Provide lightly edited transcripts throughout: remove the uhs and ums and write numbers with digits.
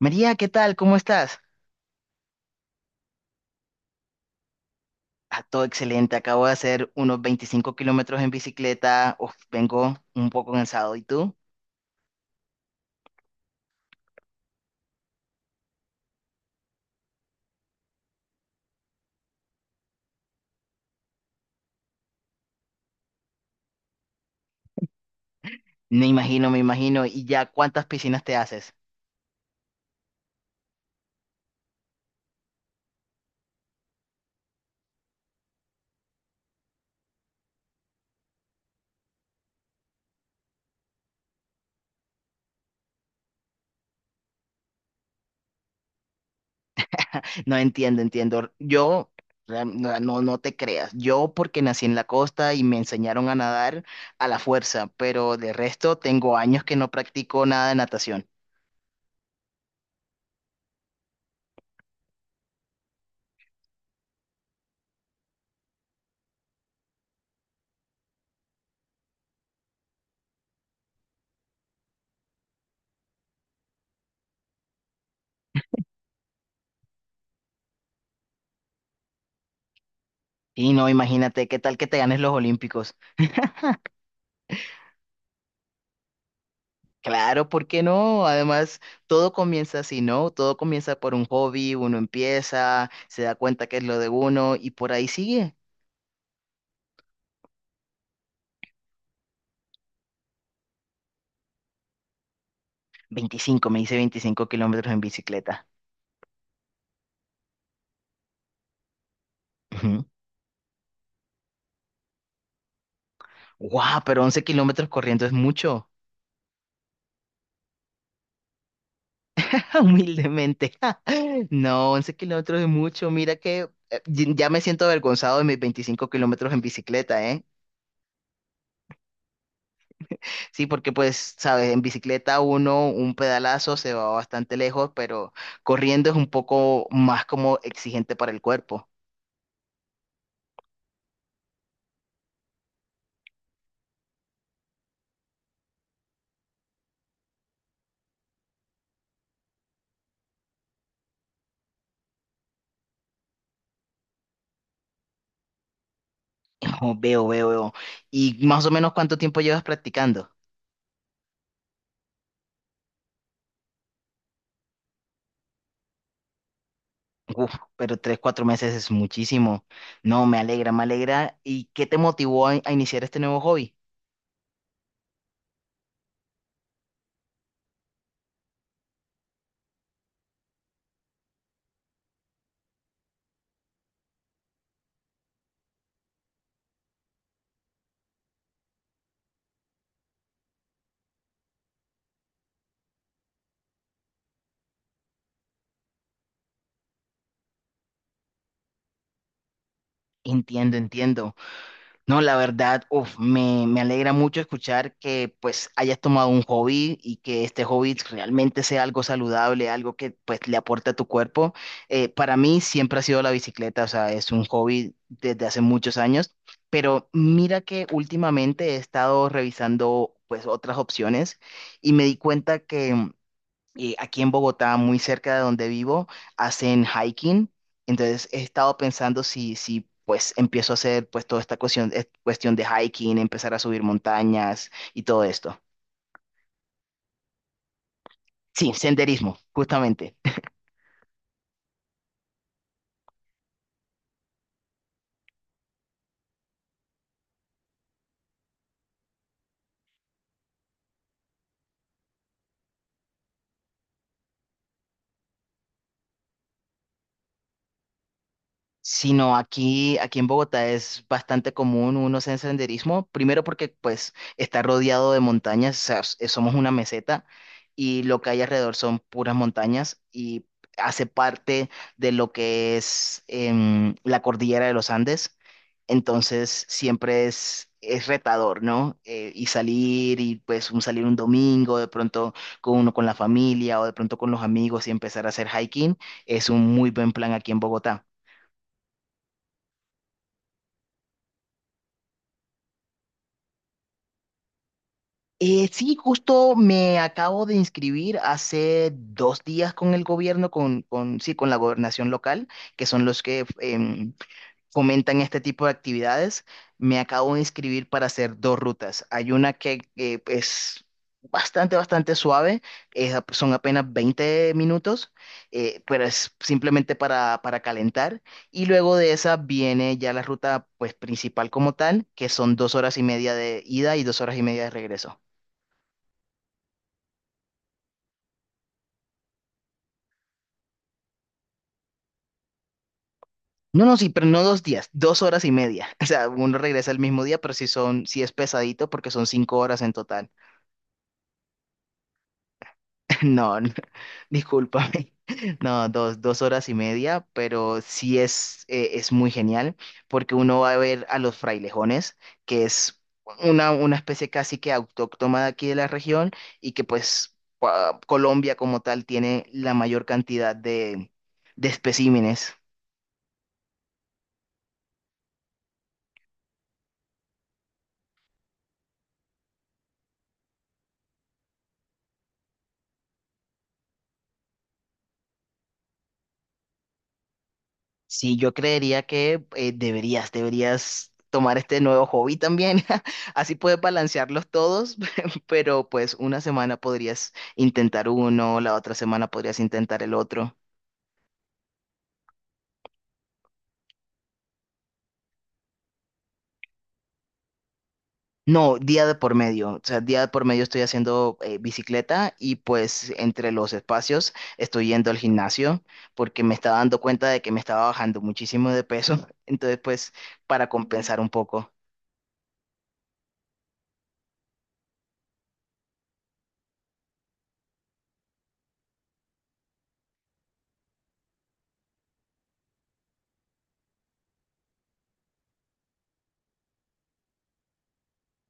María, ¿qué tal? ¿Cómo estás? Ah, todo excelente. Acabo de hacer unos 25 kilómetros en bicicleta. Uf, vengo un poco cansado. ¿Y tú? Me imagino, me imagino. ¿Y ya cuántas piscinas te haces? No entiendo, entiendo. Yo, no, no te creas. Yo porque nací en la costa y me enseñaron a nadar a la fuerza, pero de resto tengo años que no practico nada de natación. Y no, imagínate, ¿qué tal que te ganes los olímpicos? Claro, ¿por qué no? Además, todo comienza así, ¿no? Todo comienza por un hobby, uno empieza, se da cuenta que es lo de uno y por ahí sigue. 25, me hice 25 kilómetros en bicicleta. Ujú. Guau, pero 11 kilómetros corriendo es mucho. Humildemente. No, 11 kilómetros es mucho. Mira que ya me siento avergonzado de mis 25 kilómetros en bicicleta, ¿eh? Sí, porque pues, sabes, en bicicleta uno, un pedalazo se va bastante lejos, pero corriendo es un poco más como exigente para el cuerpo. Oh, veo, veo, veo. ¿Y más o menos cuánto tiempo llevas practicando? Uf, pero 3, 4 meses es muchísimo. No, me alegra, me alegra. ¿Y qué te motivó a iniciar este nuevo hobby? Entiendo, entiendo. No, la verdad, uf, me alegra mucho escuchar que pues hayas tomado un hobby y que este hobby realmente sea algo saludable, algo que pues le aporte a tu cuerpo. Para mí siempre ha sido la bicicleta, o sea, es un hobby desde hace muchos años, pero mira que últimamente he estado revisando pues otras opciones y me di cuenta que y aquí en Bogotá, muy cerca de donde vivo, hacen hiking. Entonces he estado pensando si pues empiezo a hacer pues toda esta cuestión, cuestión de hiking, empezar a subir montañas y todo esto. Sí, senderismo, justamente. Sino aquí en Bogotá es bastante común uno hacer senderismo, primero porque pues está rodeado de montañas, o sea, somos una meseta y lo que hay alrededor son puras montañas y hace parte de lo que es la cordillera de los Andes, entonces siempre es retador, ¿no? Y salir y pues un salir un domingo, de pronto con uno con la familia o de pronto con los amigos y empezar a hacer hiking es un muy buen plan aquí en Bogotá. Sí, justo me acabo de inscribir hace 2 días con el gobierno, sí, con la gobernación local, que son los que fomentan este tipo de actividades. Me acabo de inscribir para hacer dos rutas. Hay una que es bastante, bastante suave, son apenas 20 minutos, pero es simplemente para calentar. Y luego de esa viene ya la ruta pues, principal como tal, que son 2 horas y media de ida y 2 horas y media de regreso. No, no, sí, pero no 2 días, 2 horas y media. O sea, uno regresa el mismo día, pero sí es pesadito porque son 5 horas en total. No, no, discúlpame. No, dos horas y media, pero sí es muy genial porque uno va a ver a los frailejones, que es una especie casi que autóctona de aquí de la región y que pues Colombia como tal tiene la mayor cantidad de especímenes. Sí, yo creería que deberías tomar este nuevo hobby también. Así puedes balancearlos todos, pero pues una semana podrías intentar uno, la otra semana podrías intentar el otro. No, día de por medio. O sea, día de por medio estoy haciendo bicicleta y pues entre los espacios estoy yendo al gimnasio porque me estaba dando cuenta de que me estaba bajando muchísimo de peso. Entonces, pues, para compensar un poco.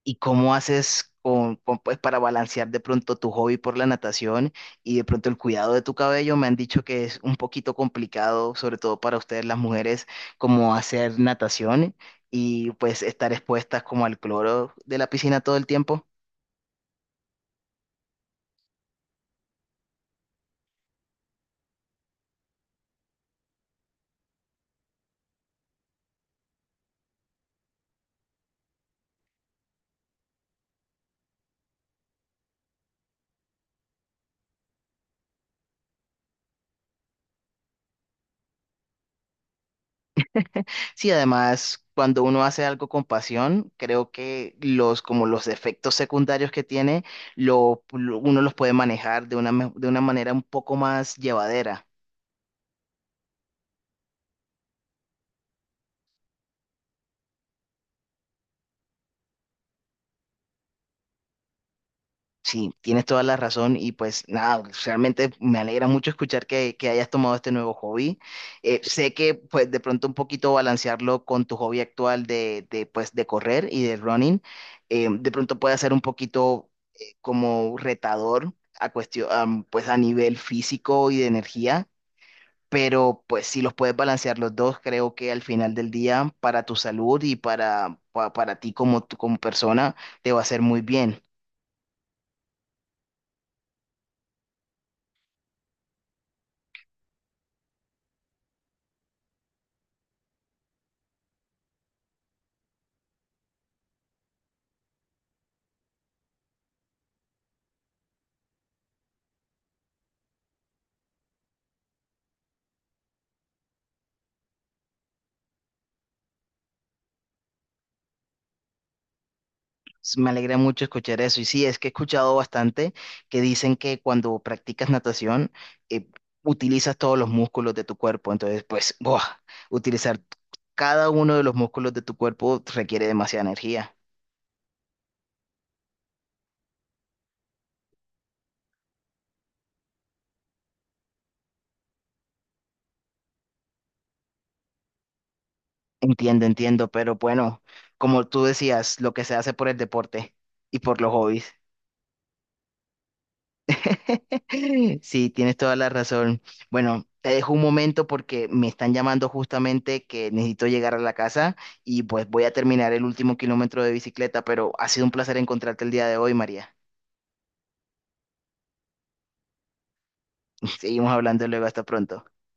¿Y cómo haces pues, para balancear de pronto tu hobby por la natación y de pronto el cuidado de tu cabello? Me han dicho que es un poquito complicado, sobre todo para ustedes las mujeres, como hacer natación y pues estar expuestas como al cloro de la piscina todo el tiempo. Sí, además, cuando uno hace algo con pasión, creo que los, como los efectos secundarios que tiene, uno los puede manejar de una manera un poco más llevadera. Sí, tienes toda la razón y pues nada, realmente me alegra mucho escuchar que hayas tomado este nuevo hobby. Sé que pues de pronto un poquito balancearlo con tu hobby actual pues de correr y de running, de pronto puede ser un poquito como retador a cuestión, pues a nivel físico y de energía, pero pues si los puedes balancear los dos, creo que al final del día para tu salud y para ti como persona te va a hacer muy bien. Me alegra mucho escuchar eso. Y sí, es que he escuchado bastante que dicen que cuando practicas natación, eh, utilizas todos los músculos de tu cuerpo. Entonces, pues, ¡buah! Utilizar cada uno de los músculos de tu cuerpo requiere demasiada energía. Entiendo, entiendo, pero bueno, como tú decías, lo que se hace por el deporte y por los hobbies. Sí, tienes toda la razón. Bueno, te dejo un momento porque me están llamando justamente que necesito llegar a la casa y pues voy a terminar el último kilómetro de bicicleta, pero ha sido un placer encontrarte el día de hoy, María. Seguimos hablando luego, hasta pronto.